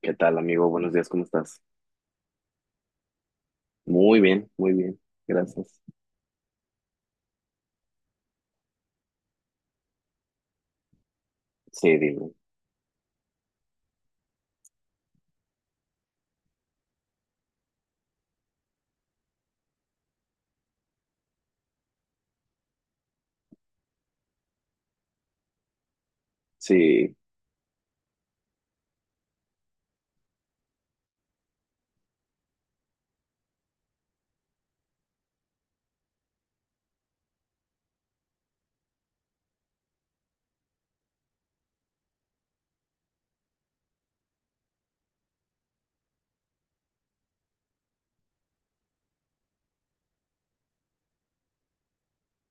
¿Qué tal, amigo? Buenos días, ¿cómo estás? Muy bien, gracias. Sí, dime. Sí,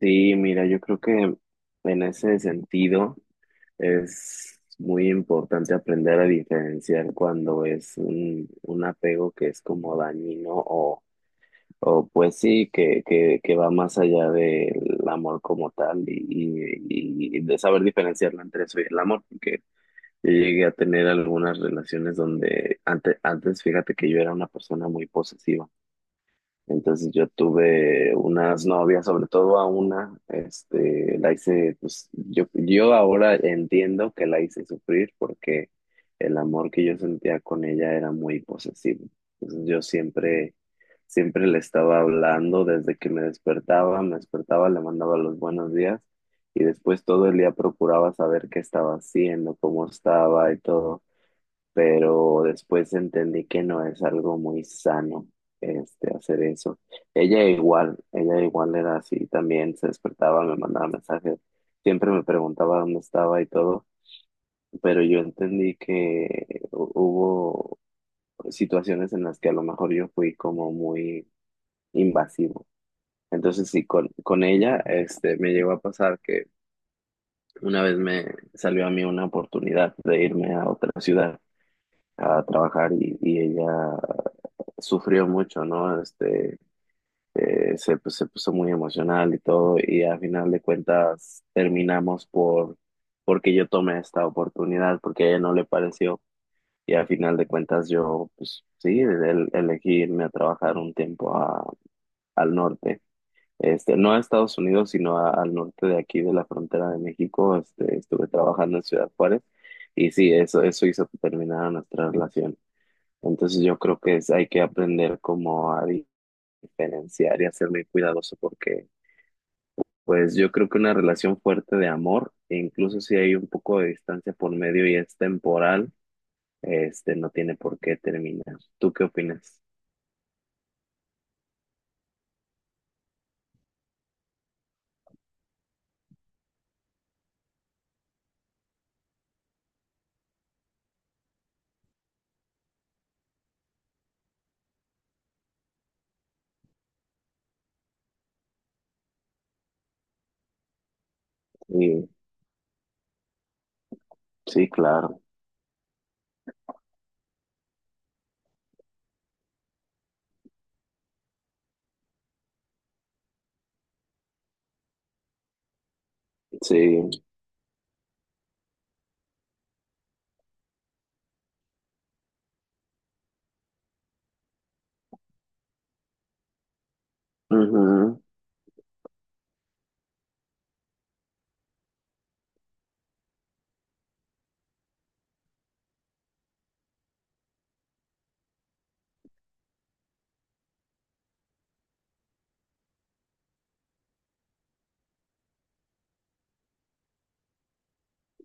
sí, mira, yo creo que en ese sentido es muy importante aprender a diferenciar cuando es un apego que es como dañino o pues sí, que va más allá del amor como tal y de saber diferenciarlo entre eso y el amor, porque yo llegué a tener algunas relaciones donde antes, fíjate que yo era una persona muy posesiva. Entonces yo tuve unas novias, sobre todo a una, este, la hice, yo ahora entiendo que la hice sufrir porque el amor que yo sentía con ella era muy posesivo. Entonces yo siempre, siempre le estaba hablando desde que me despertaba, le mandaba los buenos días, y después todo el día procuraba saber qué estaba haciendo, cómo estaba y todo, pero después entendí que no es algo muy sano este hacer eso. Ella igual era así también, se despertaba, me mandaba mensajes, siempre me preguntaba dónde estaba y todo, pero yo entendí que hubo situaciones en las que a lo mejor yo fui como muy invasivo. Entonces sí, con ella este me llegó a pasar que una vez me salió a mí una oportunidad de irme a otra ciudad a trabajar, y ella sufrió mucho, ¿no? Pues, se puso muy emocional y todo, y a final de cuentas terminamos porque yo tomé esta oportunidad, porque a ella no le pareció, y a final de cuentas yo, pues sí, elegí irme a trabajar un tiempo al norte. Este, no a Estados Unidos, sino al norte de aquí, de la frontera de México. Este, estuve trabajando en Ciudad Juárez, y sí, eso hizo que terminara nuestra relación. Entonces yo creo que es, hay que aprender como a diferenciar y hacer muy cuidadoso, porque pues yo creo que una relación fuerte de amor, e incluso si hay un poco de distancia por medio y es temporal, este no tiene por qué terminar. ¿Tú qué opinas? Sí, sí, claro, sí, ujú.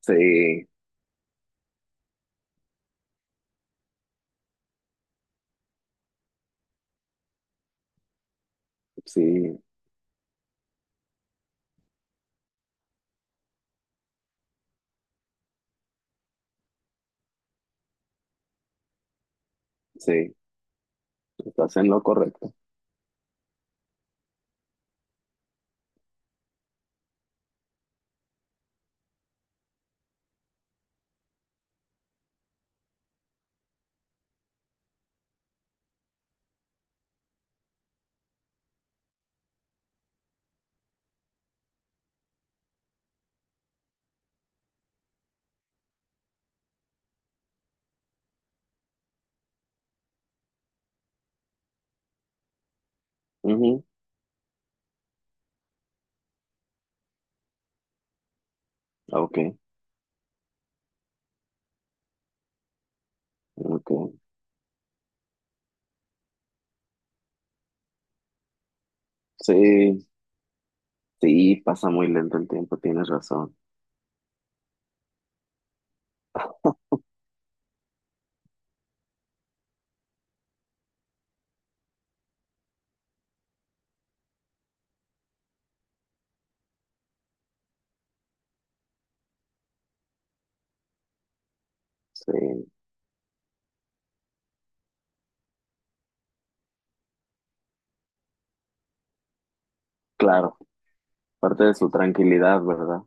Sí, sí, sí, estás en lo correcto. Ujú. Ok, ok, sí, sí, pasa muy lento el tiempo, tienes razón, sí, claro, parte de su tranquilidad, ¿verdad?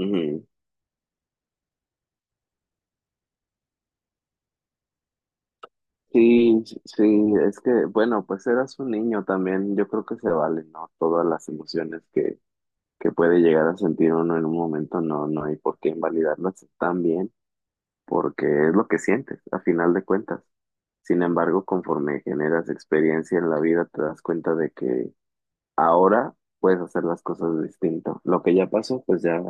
Ujú. Sí, sí, sí, es que, bueno, pues eras un niño también, yo creo que se vale, ¿no? Todas las emociones que puede llegar a sentir uno en un momento, no, no hay por qué invalidarlas también, porque es lo que sientes, a final de cuentas. Sin embargo, conforme generas experiencia en la vida, te das cuenta de que ahora puedes hacer las cosas distinto. Lo que ya pasó, pues ya,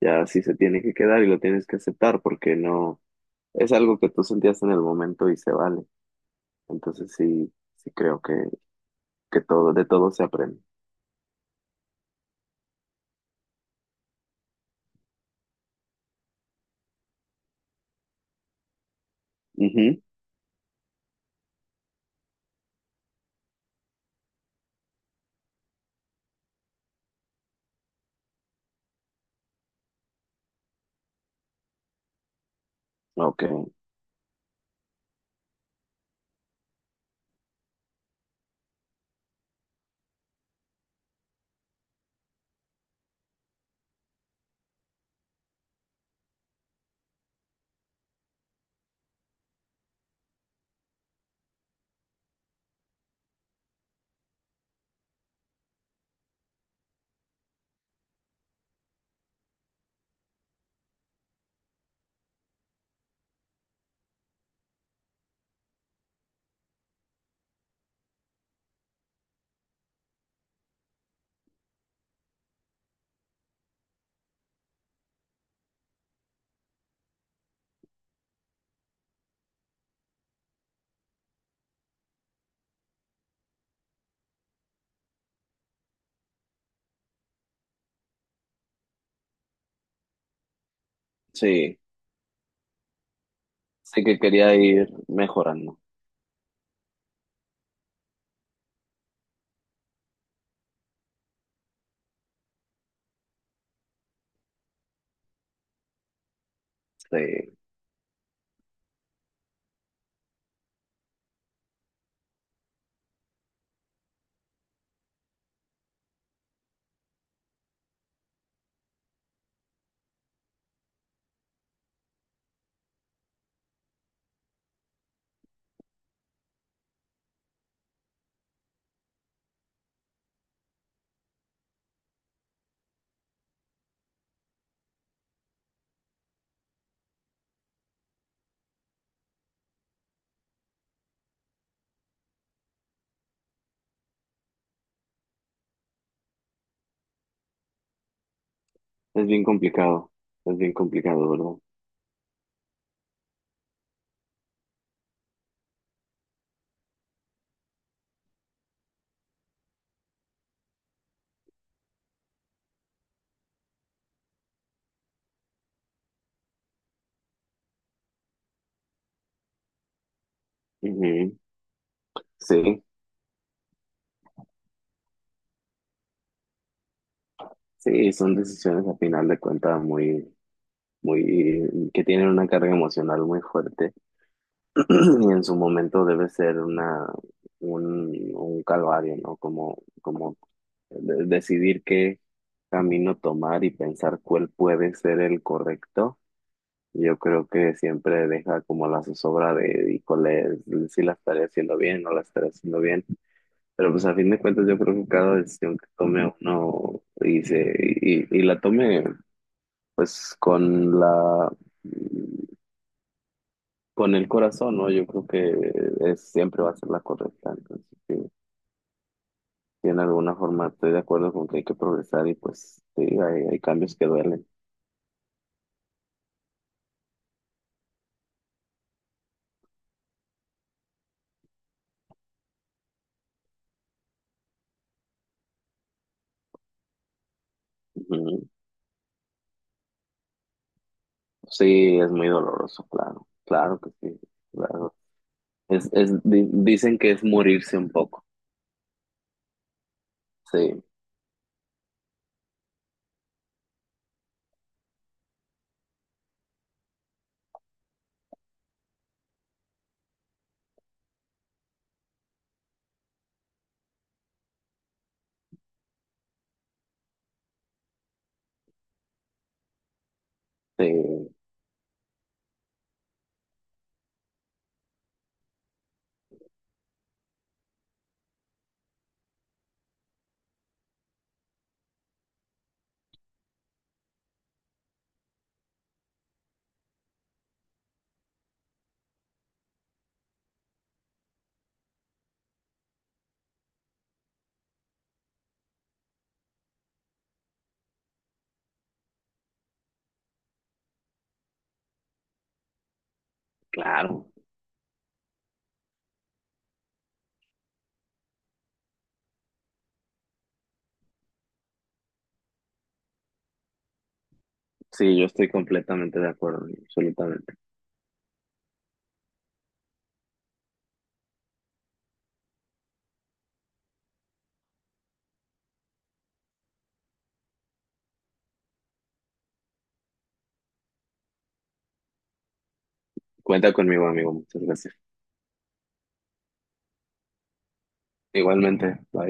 ya sí se tiene que quedar y lo tienes que aceptar, porque no, es algo que tú sentías en el momento y se vale. Entonces sí. Sí, creo que todo, de todo se aprende. Ujú. Ok, sí, sí que quería ir mejorando. Sí, es bien complicado, es bien complicado, ¿verdad? Ujú. Sí, sí, son decisiones a final de cuentas muy, muy, que tienen una carga emocional muy fuerte y en su momento debe ser un calvario, ¿no? Como, como decidir qué camino tomar y pensar cuál puede ser el correcto. Yo creo que siempre deja como la zozobra de, híjole, si la estaré haciendo bien o la estaré haciendo bien. Pero pues a fin de cuentas yo creo que cada decisión que tome uno y la tome pues con el corazón, ¿no? Yo creo que es, siempre va a ser la correcta. Entonces, sí, sí, en alguna forma estoy de acuerdo con que hay que progresar y pues sí, hay cambios que duelen. Ujú. Sí, es muy doloroso, claro, claro que sí. Claro. Dicen que es morirse un poco. Sí, sí, claro. Sí, yo estoy completamente de acuerdo, absolutamente. Cuenta conmigo, amigo. Muchas gracias. Igualmente, bye.